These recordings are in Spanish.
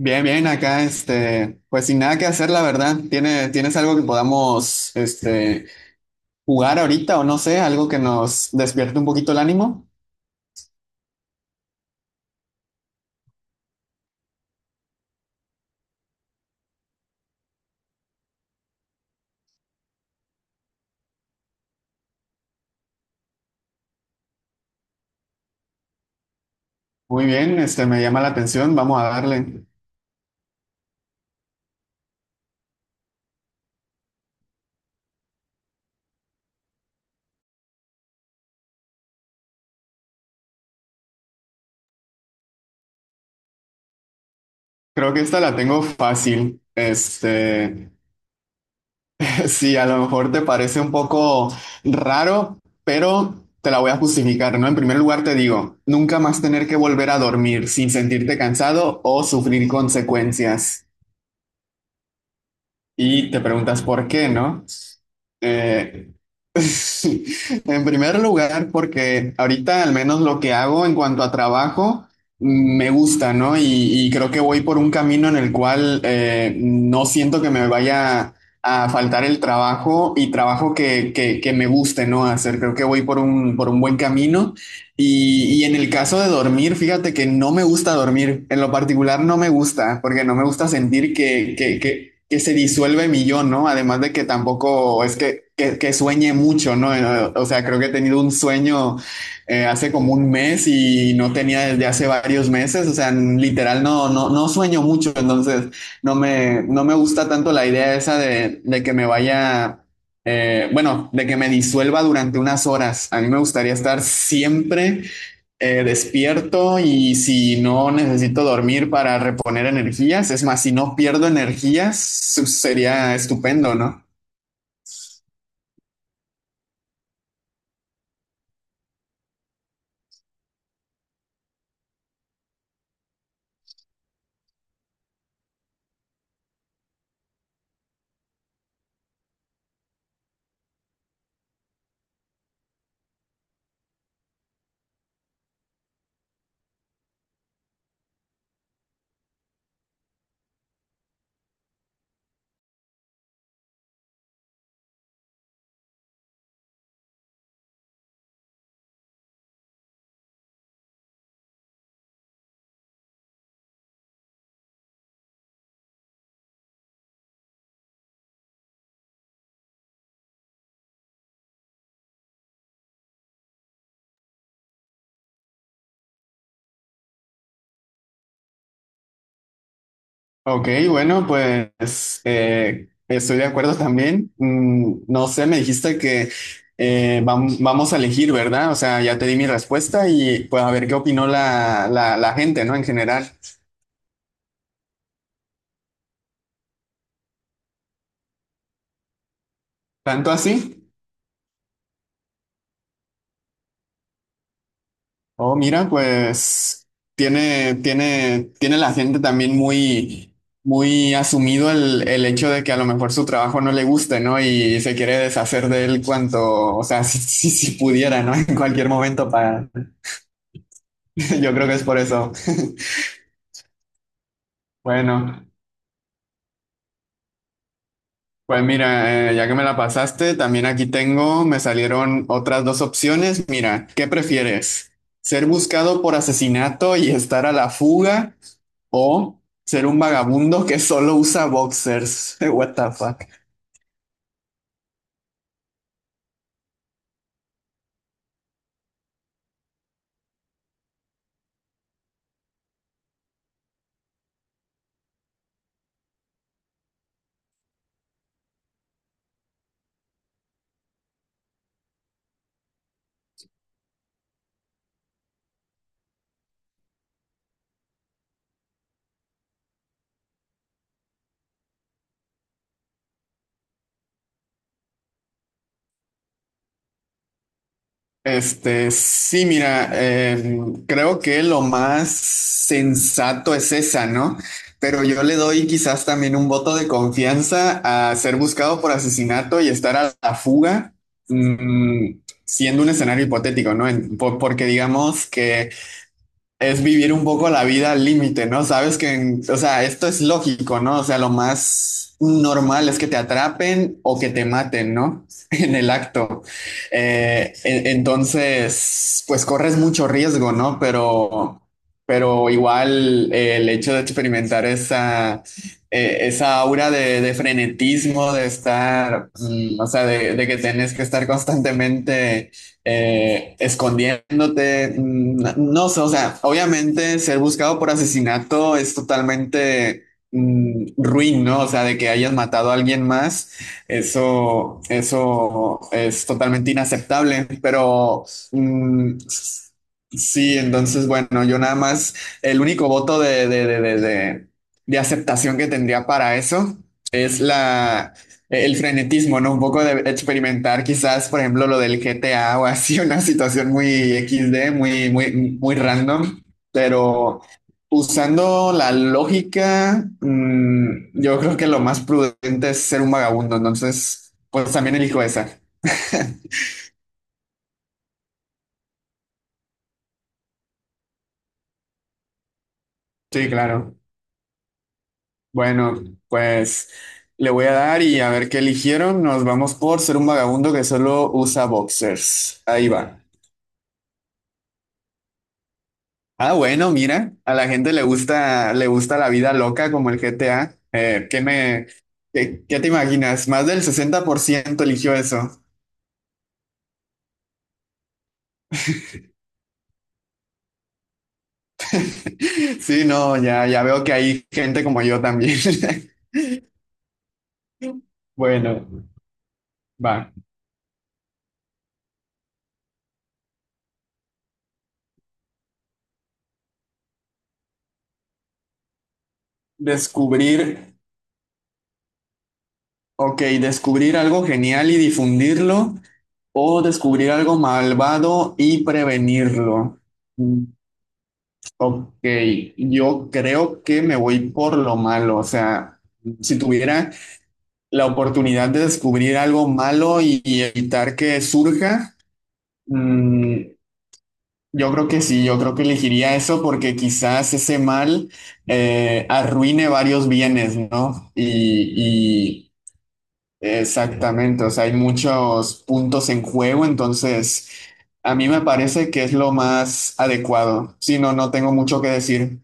Bien, bien, acá, pues sin nada que hacer, la verdad. ¿Tienes algo que podamos, jugar ahorita o no sé, algo que nos despierte un poquito el ánimo? Muy bien, me llama la atención, vamos a darle. Creo que esta la tengo fácil. Sí, a lo mejor te parece un poco raro, pero te la voy a justificar, ¿no? En primer lugar te digo, nunca más tener que volver a dormir sin sentirte cansado o sufrir consecuencias. Y te preguntas por qué, ¿no? Eh, en primer lugar, porque ahorita al menos lo que hago en cuanto a trabajo me gusta, ¿no? Y creo que voy por un camino en el cual no siento que me vaya a faltar el trabajo y trabajo que me guste, ¿no? Hacer, creo que voy por por un buen camino. Y en el caso de dormir, fíjate que no me gusta dormir. En lo particular no me gusta, porque no me gusta sentir que se disuelve mi yo, ¿no? Además de que tampoco es que sueñe mucho, ¿no? O sea, creo que he tenido un sueño hace como un mes y no tenía desde hace varios meses. O sea, literal no sueño mucho. Entonces, no me gusta tanto la idea esa de que me vaya bueno, de que me disuelva durante unas horas. A mí me gustaría estar siempre despierto y si no necesito dormir para reponer energías, es más, si no pierdo energías, sería estupendo, ¿no? Ok, bueno, pues estoy de acuerdo también. No sé, me dijiste que vamos a elegir, ¿verdad? O sea, ya te di mi respuesta y pues a ver qué opinó la gente, ¿no? En general. ¿Tanto así? Oh, mira, pues tiene la gente también muy, muy asumido el hecho de que a lo mejor su trabajo no le guste, ¿no? Y se quiere deshacer de él cuanto, o sea, si pudiera, ¿no? En cualquier momento para... Yo creo que es por eso. Bueno, pues mira, ya que me la pasaste, también aquí tengo, me salieron otras dos opciones. Mira, ¿qué prefieres? ¿Ser buscado por asesinato y estar a la fuga? O ser un vagabundo que solo usa boxers. What the fuck. Sí, mira, creo que lo más sensato es esa, ¿no? Pero yo le doy quizás también un voto de confianza a ser buscado por asesinato y estar a la fuga, mm, siendo un escenario hipotético, ¿no? Porque digamos que es vivir un poco la vida al límite, ¿no? Sabes que, o sea, esto es lógico, ¿no? O sea, lo más normal es que te atrapen o que te maten, ¿no? En el acto. Entonces, pues corres mucho riesgo, ¿no? Pero igual el hecho de experimentar esa, esa aura de frenetismo, de estar, o sea, de que tenés que estar constantemente escondiéndote, no sé, o sea, obviamente ser buscado por asesinato es totalmente ruin, ¿no? O sea, de que hayas matado a alguien más, eso es totalmente inaceptable, pero mm, sí, entonces, bueno, yo nada más, el único voto de aceptación que tendría para eso es el frenetismo, ¿no? Un poco de experimentar quizás, por ejemplo, lo del GTA o así, una situación muy XD muy, muy, muy random, pero usando la lógica, yo creo que lo más prudente es ser un vagabundo, entonces, pues también elijo esa. Sí, claro. Bueno, pues le voy a dar y a ver qué eligieron. Nos vamos por ser un vagabundo que solo usa boxers. Ahí va. Ah, bueno, mira, a la gente le gusta la vida loca como el GTA. ¿ Qué te imaginas? Más del 60% eligió eso. Sí, no, ya veo que hay gente como yo también. Bueno, va. Descubrir, ok, descubrir algo genial y difundirlo o descubrir algo malvado y prevenirlo. Mm, Ok, yo creo que me voy por lo malo, o sea, si tuviera la oportunidad de descubrir algo malo y evitar que surja, mm, yo creo que sí, yo creo que elegiría eso porque quizás ese mal arruine varios bienes, ¿no? Y exactamente, o sea, hay muchos puntos en juego, entonces a mí me parece que es lo más adecuado. Si no, no tengo mucho que decir.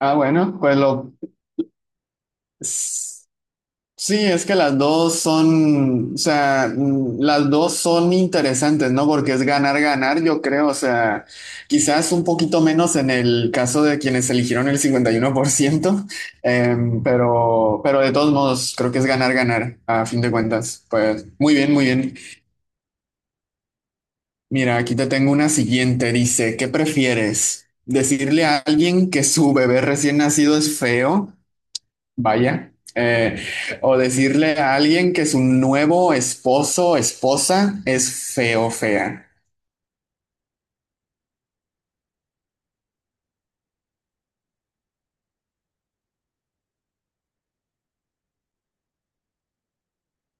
Ah, bueno, pues lo... Sí, es que las dos son, o sea, las dos son interesantes, ¿no? Porque es ganar, ganar, yo creo, o sea, quizás un poquito menos en el caso de quienes eligieron el 51%, pero de todos modos, creo que es ganar, ganar, a fin de cuentas. Pues muy bien, muy bien. Mira, aquí te tengo una siguiente, dice, ¿qué prefieres? ¿Decirle a alguien que su bebé recién nacido es feo? Vaya, o decirle a alguien que su nuevo esposo, esposa es feo, fea.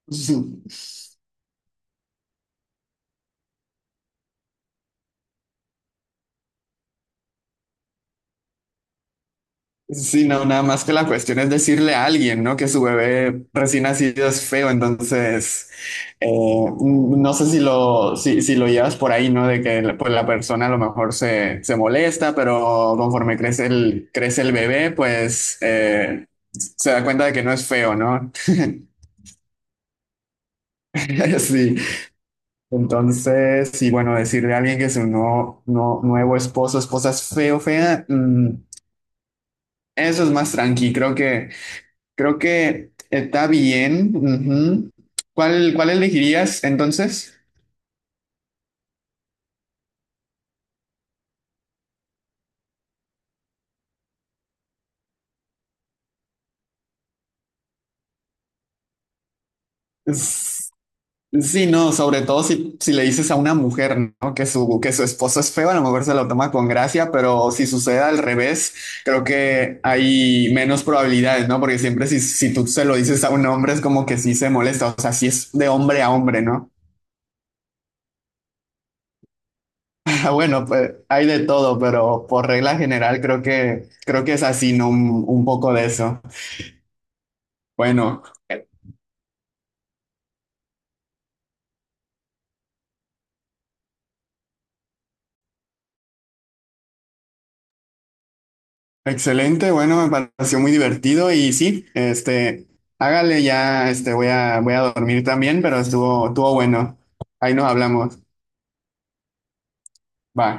Sí, no, nada más que la cuestión es decirle a alguien, ¿no? Que su bebé recién nacido es feo, entonces eh, no sé si lo llevas por ahí, ¿no? De que pues, la persona a lo mejor se molesta, pero conforme crece el bebé, pues se da cuenta de que no es feo, ¿no? Sí. Entonces, y bueno, decirle a alguien que su nuevo esposo, esposa es feo, fea, eso es más tranqui. Creo que está bien. Ujú. ¿Cuál elegirías entonces? Es- Sí, no, sobre todo si le dices a una mujer, ¿no? Que su esposo es feo, a lo mejor se lo toma con gracia, pero si sucede al revés, creo que hay menos probabilidades, ¿no? Porque siempre si tú se lo dices a un hombre es como que sí se molesta, o sea, si es de hombre a hombre, ¿no? Ah, bueno, pues hay de todo, pero por regla general creo que es así, ¿no? Un poco de eso. Bueno, excelente, bueno, me pareció muy divertido y sí, hágale ya, voy a dormir también, pero estuvo bueno. Ahí nos hablamos. Va.